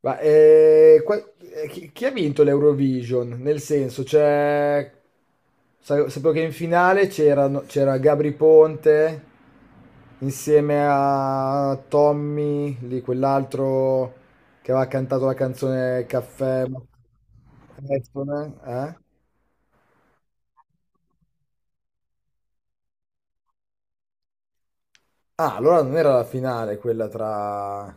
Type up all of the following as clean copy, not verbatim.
Chi ha vinto l'Eurovision? Nel senso, cioè, sapevo che in finale c'era Gabri Ponte insieme a Tommy, lì quell'altro che aveva cantato la canzone Caffè. Eh? Ah, allora non era la finale quella tra...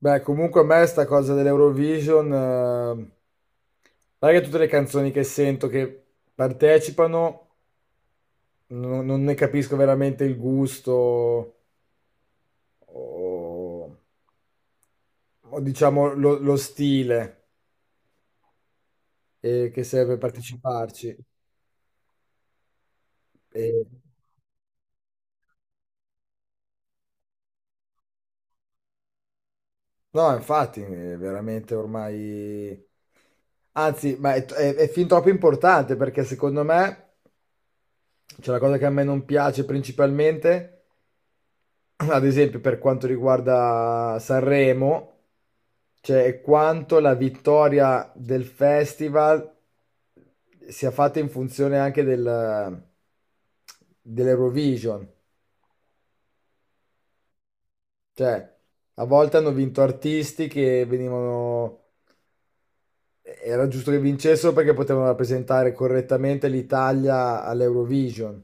Beh, comunque a me sta cosa dell'Eurovision, non è che tutte le canzoni che sento che partecipano non ne capisco veramente il gusto o, o diciamo lo stile che serve per parteciparci. E- no, infatti, è veramente ormai... Anzi, ma è fin troppo importante perché secondo me c'è la cosa che a me non piace principalmente, ad esempio, per quanto riguarda Sanremo, cioè quanto la vittoria del festival sia fatta in funzione anche dell'Eurovision. Cioè, a volte hanno vinto artisti che venivano... Era giusto che vincessero perché potevano rappresentare correttamente l'Italia all'Eurovision.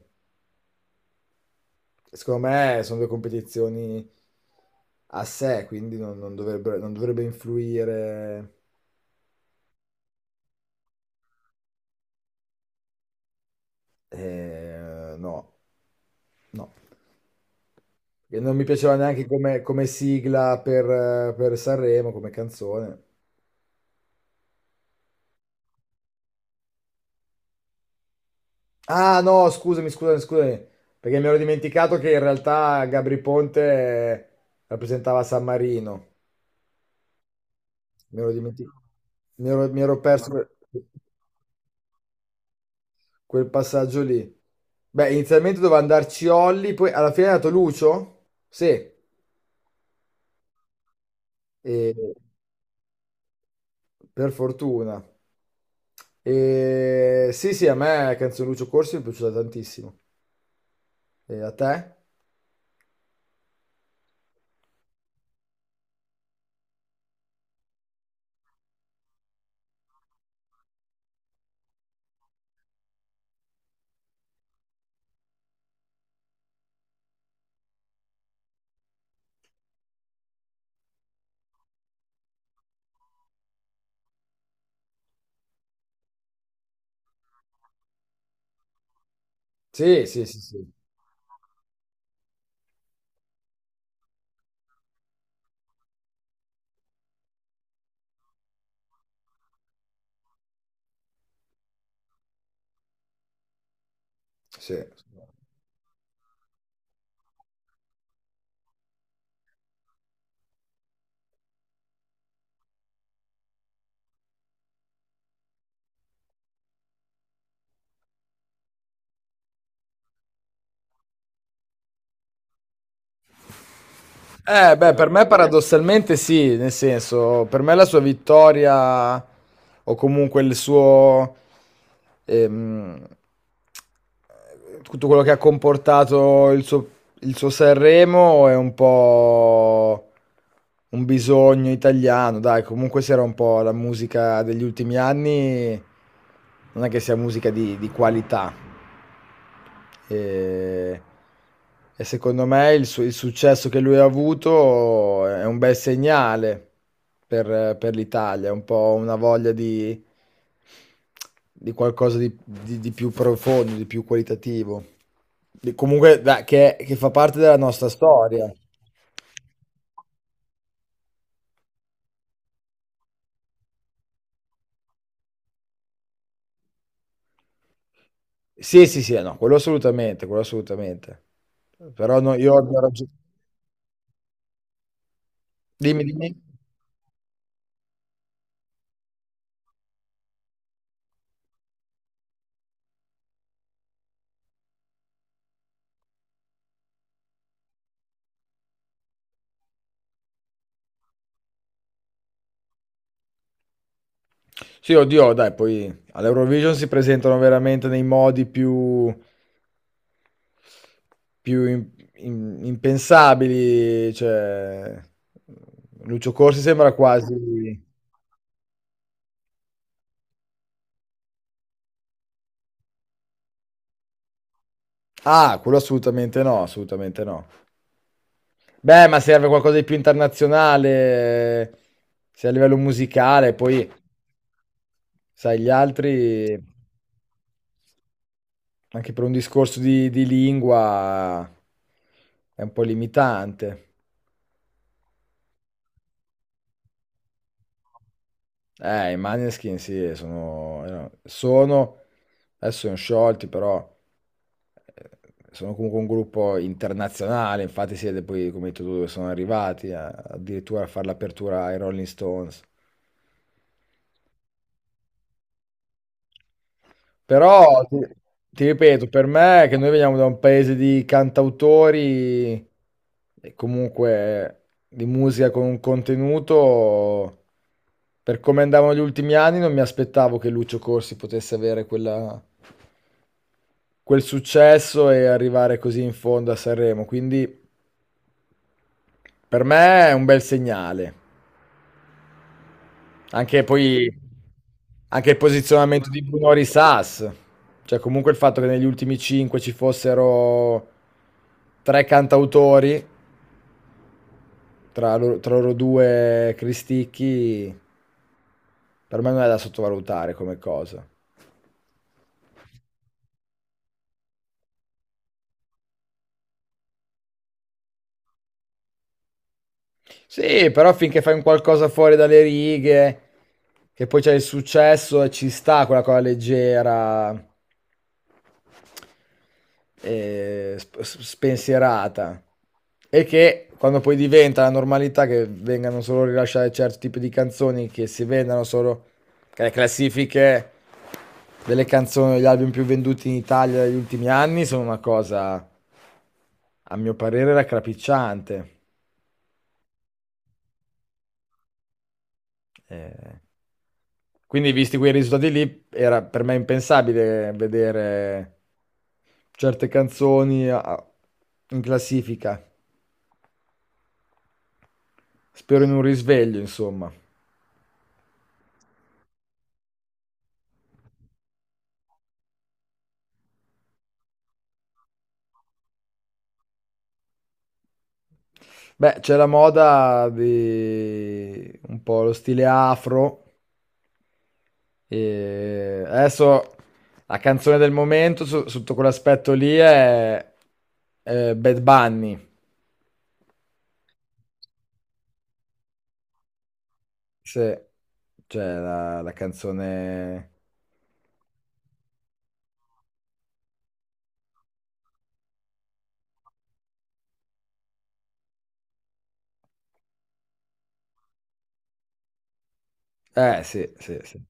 Secondo me sono due competizioni a sé, quindi non dovrebbe, non dovrebbe influire. No, no. E non mi piaceva neanche come, come sigla per Sanremo, come canzone. Ah, no, scusami, scusami, scusami, perché mi ero dimenticato che in realtà Gabri Ponte eh, rappresentava San Marino. Mi ero dimenti- mi ero- Mi ero perso quel quel passaggio lì. Beh, inizialmente doveva andarci Olli, poi alla fine è andato Lucio? Sì, e- per fortuna. E... Sì, sì, a me Canzone Lucio Corsi mi è piaciuta tantissimo. E a te? Sì, sì, sì, sì. Sì, sì. Beh, per me paradossalmente sì, nel senso, per me la sua vittoria o comunque il suo... ehm, tutto quello che ha comportato il suo Sanremo è un po' un bisogno italiano, dai, comunque se era un po' la musica degli ultimi anni, non è che sia musica di qualità, e, e secondo me il successo che lui ha avuto è un bel segnale per l'Italia, è un po' una voglia di qualcosa di, di più profondo, di più qualitativo. Comunque, dai, che fa parte della nostra storia. Sì, sì, sì, no, quello assolutamente, quello assolutamente. Però no, io ho ragione. Dimmi, dimmi. Sì, oddio, dai, poi all'Eurovision si presentano veramente nei modi più, più im- impensabili, cioè Lucio Corsi sembra quasi... Ah, quello assolutamente no, assolutamente no. Beh, ma serve qualcosa di più internazionale, sia a livello musicale, poi, sai, gli altri, anche per un discorso di lingua, è un po' limitante. I Maneskin sì, sono, adesso sono sciolti, però eh, sono comunque un gruppo internazionale, infatti siete poi, come hai detto tu, dove sono arrivati, addirittura a fare l'apertura ai Rolling Stones. Però, ti ripeto, per me, che noi veniamo da un paese di cantautori e comunque di musica con un contenuto, per come andavano gli ultimi anni, non mi aspettavo che Lucio Corsi potesse avere quella quel successo e arrivare così in fondo a Sanremo. Quindi per me è un bel segnale. Anche poi anche il posizionamento di Bruno Risas, cioè comunque il fatto che negli ultimi cinque ci fossero tre cantautori, tra loro due Cristicchi, per me non è da sottovalutare come cosa. Sì, però finché fai un qualcosa fuori dalle righe, che poi c'è il successo e ci sta quella cosa leggera, spensierata, e che quando poi diventa la normalità che vengano solo rilasciate certi tipi di canzoni che si vendano solo, che le classifiche delle canzoni degli album più venduti in Italia negli ultimi anni sono una cosa a mio parere raccapricciante. Eh, quindi visti quei risultati lì era per me impensabile vedere certe canzoni in classifica. Spero in un risveglio, insomma. Beh, c'è la moda di un po' lo stile afro. E adesso la canzone del momento sotto quell'aspetto lì è Bad Bunny. Sì, cioè la canzone... sì, sì, sì.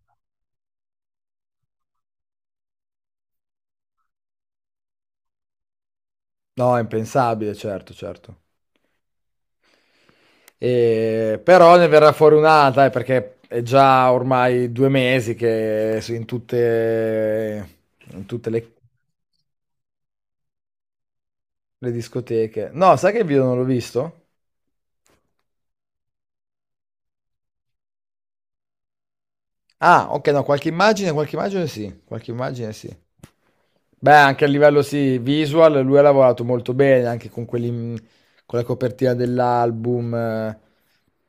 No, è impensabile, certo, certo. Però ne verrà fuori un'altra, perché è già ormai 2 mesi che in tutte le... Le discoteche. No, sai che il video non l'ho visto? Ah, ok, no, qualche immagine sì, qualche immagine sì. Beh, anche a livello sì, visual, lui ha lavorato molto bene, anche con quelli, mm, con la copertina dell'album,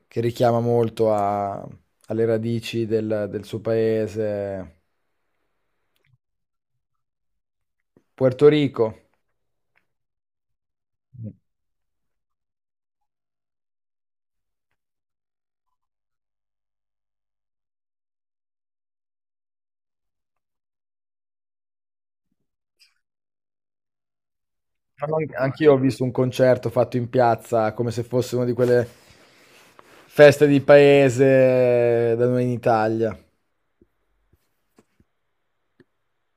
che richiama molto alle radici del, del suo paese, Puerto Rico. Anch'io ho visto un concerto fatto in piazza, come se fosse una di quelle feste di paese da noi in Italia.